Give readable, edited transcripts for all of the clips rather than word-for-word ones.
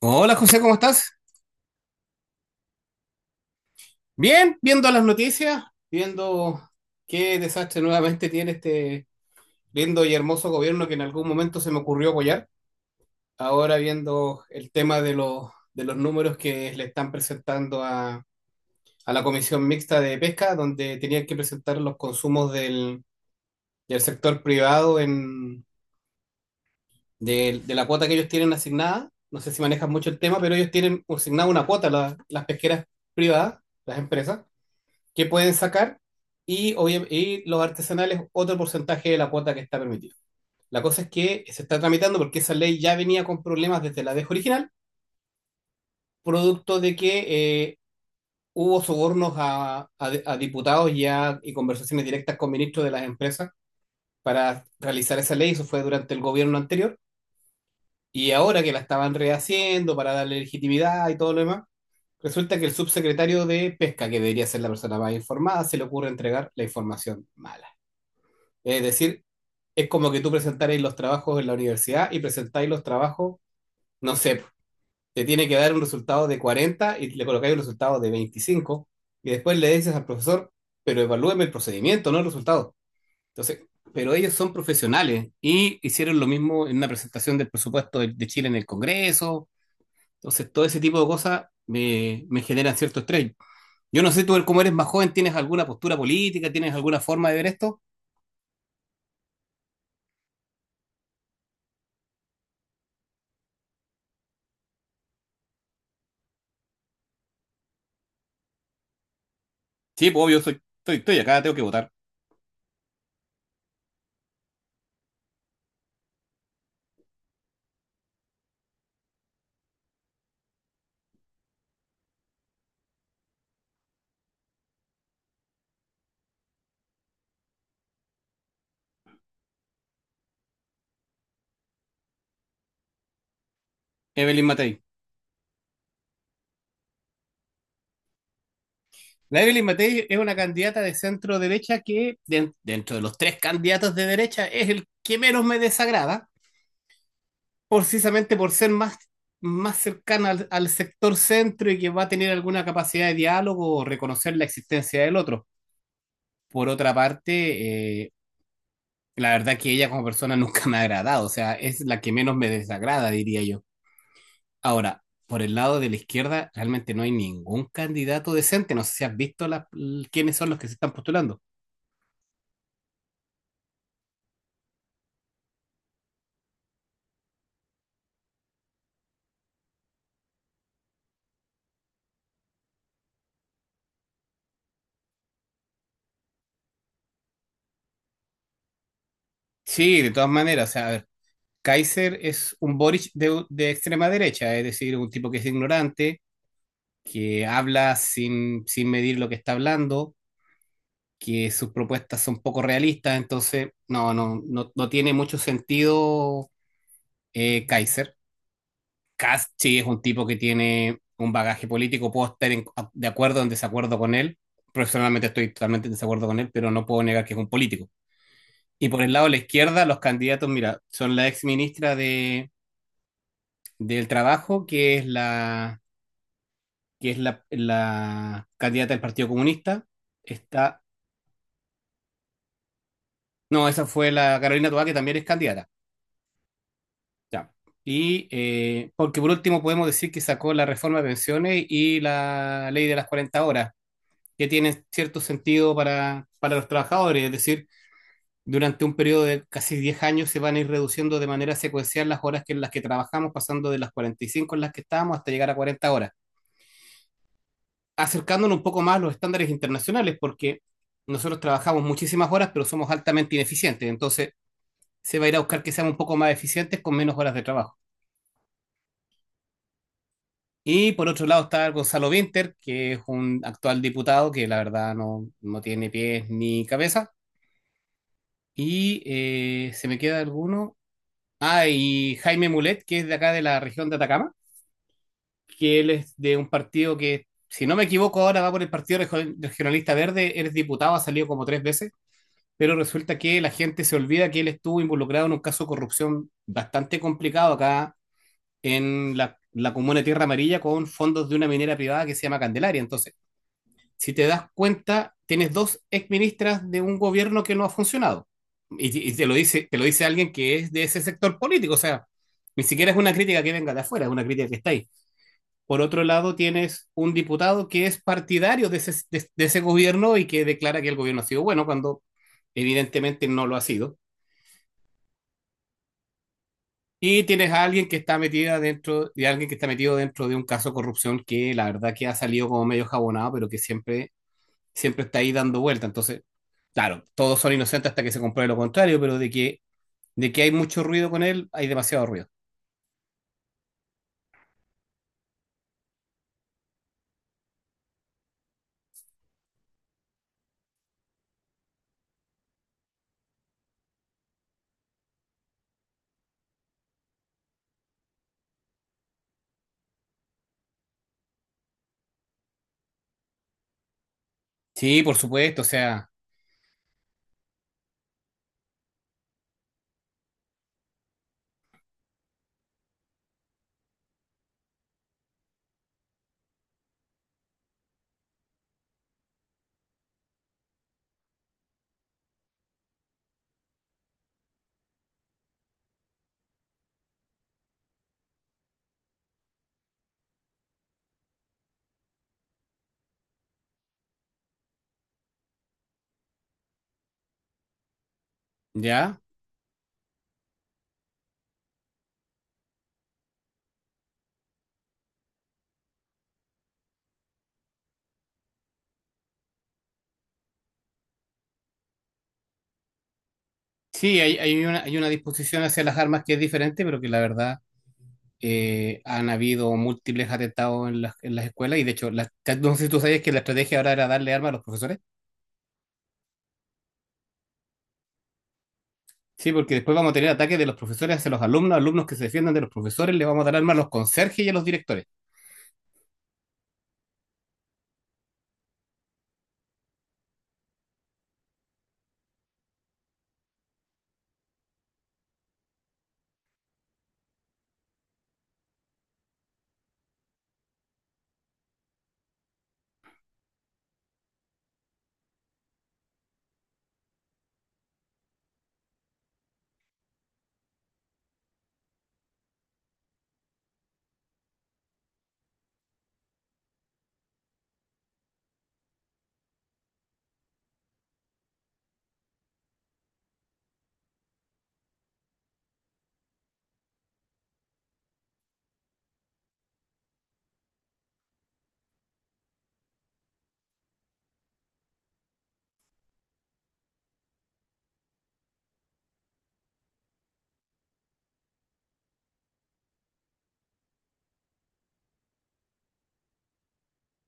Hola José, ¿cómo estás? Bien, viendo las noticias, viendo qué desastre nuevamente tiene este lindo y hermoso gobierno que en algún momento se me ocurrió apoyar. Ahora viendo el tema de los números que le están presentando a la Comisión Mixta de Pesca, donde tenían que presentar los consumos del sector privado de la cuota que ellos tienen asignada. No sé si manejan mucho el tema, pero ellos tienen asignada una cuota, las pesqueras privadas, las empresas que pueden sacar y, y los artesanales otro porcentaje de la cuota que está permitida. La cosa es que se está tramitando porque esa ley ya venía con problemas desde la vez original, producto de que eh, hubo sobornos a diputados y conversaciones directas con ministros de las empresas para realizar esa ley. Eso fue durante el gobierno anterior. Y ahora que la estaban rehaciendo para darle legitimidad y todo lo demás, resulta que el subsecretario de Pesca, que debería ser la persona más informada, se le ocurre entregar la información mala. Es decir, es como que tú presentarais los trabajos en la universidad y presentáis los trabajos, no sé, po, te tiene que dar un resultado de 40 y le colocáis un resultado de 25 y después le dices al profesor, pero evalúeme el procedimiento, no el resultado. Entonces, pero ellos son profesionales y hicieron lo mismo en una presentación del presupuesto de Chile en el Congreso. Entonces, todo ese tipo de cosas me generan cierto estrés. Yo no sé, tú, como eres más joven, ¿tienes alguna postura política? ¿Tienes alguna forma de ver esto? Sí, pues obvio, estoy acá, tengo que votar. Evelyn Matei. La Evelyn Matei es una candidata de centro derecha que, dentro de los tres candidatos de derecha, es el que menos me desagrada, precisamente por ser más cercana al sector centro y que va a tener alguna capacidad de diálogo o reconocer la existencia del otro. Por otra parte, la verdad que ella como persona nunca me ha agradado, o sea, es la que menos me desagrada, diría yo. Ahora, por el lado de la izquierda, realmente no hay ningún candidato decente, no sé si has visto quiénes son los que se están postulando. Sí, de todas maneras, o sea, a ver, Kaiser es un Boric de extrema derecha, es decir, un tipo que es ignorante, que habla sin medir lo que está hablando, que sus propuestas son poco realistas, entonces no tiene mucho sentido Kaiser. Kast sí es un tipo que tiene un bagaje político, puedo de acuerdo o en desacuerdo con él, personalmente estoy totalmente en desacuerdo con él, pero no puedo negar que es un político. Y por el lado de la izquierda, los candidatos, mira, son la ex ministra de del Trabajo, que es la candidata del Partido Comunista. Está, no, esa fue la Carolina Toá, que también es candidata. Ya. Y porque por último podemos decir que sacó la reforma de pensiones y la ley de las 40 horas, que tiene cierto sentido para los trabajadores, es decir, durante un periodo de casi 10 años se van a ir reduciendo de manera secuencial las horas que en las que trabajamos, pasando de las 45 en las que estábamos hasta llegar a 40 horas, acercándonos un poco más a los estándares internacionales, porque nosotros trabajamos muchísimas horas, pero somos altamente ineficientes. Entonces, se va a ir a buscar que seamos un poco más eficientes con menos horas de trabajo. Y por otro lado está Gonzalo Vinter que es un actual diputado que la verdad no, no tiene pies ni cabeza. Y se me queda alguno. Ah, y Jaime Mulet, que es de acá de la región de Atacama, que él es de un partido que, si no me equivoco, ahora va por el Partido Regionalista Verde, él es diputado, ha salido como tres veces pero resulta que la gente se olvida que él estuvo involucrado en un caso de corrupción bastante complicado acá en la comuna de Tierra Amarilla con fondos de una minera privada que se llama Candelaria. Entonces, si te das cuenta, tienes dos exministras de un gobierno que no ha funcionado. Y te lo dice alguien que es de ese sector político, o sea, ni siquiera es una crítica que venga de afuera, es una crítica que está ahí. Por otro lado, tienes un diputado que es partidario de de ese gobierno y que declara que el gobierno ha sido bueno cuando evidentemente no lo ha sido. Y tienes a alguien que está metida dentro, y alguien que está metido dentro de un caso de corrupción que la verdad que ha salido como medio jabonado, pero que siempre está ahí dando vuelta. Entonces, claro, todos son inocentes hasta que se compruebe lo contrario, pero de que hay mucho ruido con él, hay demasiado ruido. Sí, por supuesto, o sea, ya. Sí, hay, hay una disposición hacia las armas que es diferente, pero que la verdad han habido múltiples atentados en en las escuelas y de hecho, no sé si tú sabes que la estrategia ahora era darle armas a los profesores. Sí, porque después vamos a tener ataques de los profesores hacia los alumnos, alumnos que se defiendan de los profesores, le vamos a dar armas a los conserjes y a los directores.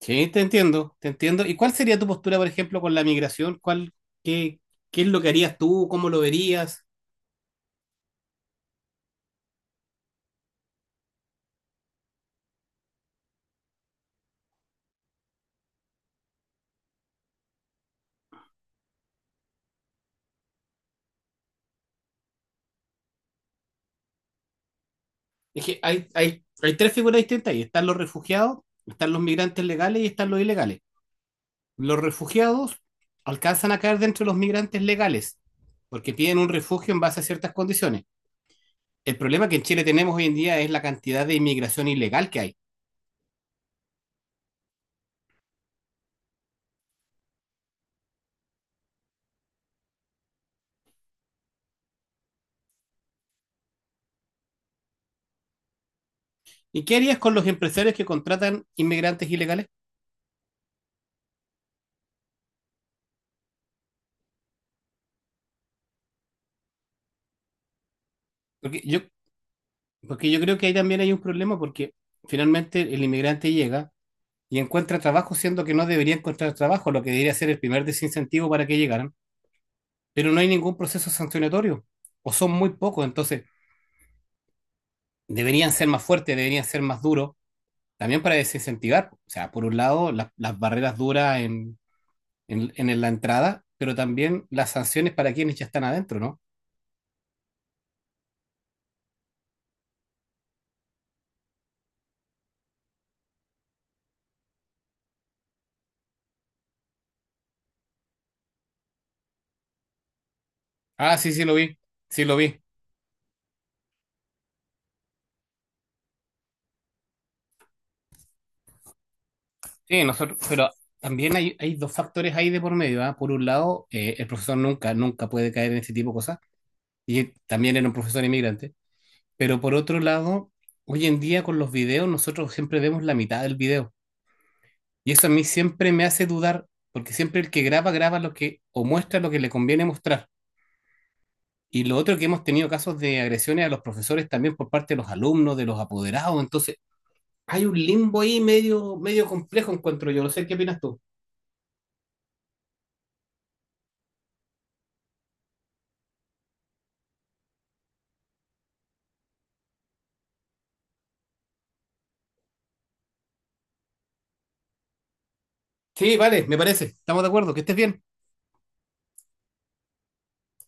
Sí, te entiendo, te entiendo. ¿Y cuál sería tu postura, por ejemplo, con la migración? ¿Cuál, qué, qué es lo que harías tú? ¿Cómo lo verías? Es que hay tres figuras distintas ahí. Están los refugiados, están los migrantes legales y están los ilegales. Los refugiados alcanzan a caer dentro de los migrantes legales, porque piden un refugio en base a ciertas condiciones. El problema que en Chile tenemos hoy en día es la cantidad de inmigración ilegal que hay. ¿Y qué harías con los empresarios que contratan inmigrantes ilegales? Porque yo, porque yo creo que ahí también hay un problema porque finalmente el inmigrante llega y encuentra trabajo siendo que no debería encontrar trabajo, lo que debería ser el primer desincentivo para que llegaran, pero no hay ningún proceso sancionatorio o son muy pocos, entonces deberían ser más fuertes, deberían ser más duros, también para desincentivar, o sea, por un lado las barreras duras en la entrada, pero también las sanciones para quienes ya están adentro, ¿no? Ah, sí, sí lo vi, sí lo vi. Sí, nosotros, pero también hay dos factores ahí de por medio, ¿ah? Por un lado, el profesor nunca puede caer en ese tipo de cosas, y también era un profesor inmigrante, pero por otro lado, hoy en día con los videos nosotros siempre vemos la mitad del video, y eso a mí siempre me hace dudar, porque siempre el que graba, graba lo que, o muestra lo que le conviene mostrar. Y lo otro que hemos tenido casos de agresiones a los profesores también por parte de los alumnos, de los apoderados, entonces hay un limbo ahí medio, medio complejo, encuentro yo, no sé qué opinas tú. Sí, vale, me parece. Estamos de acuerdo. Que estés bien.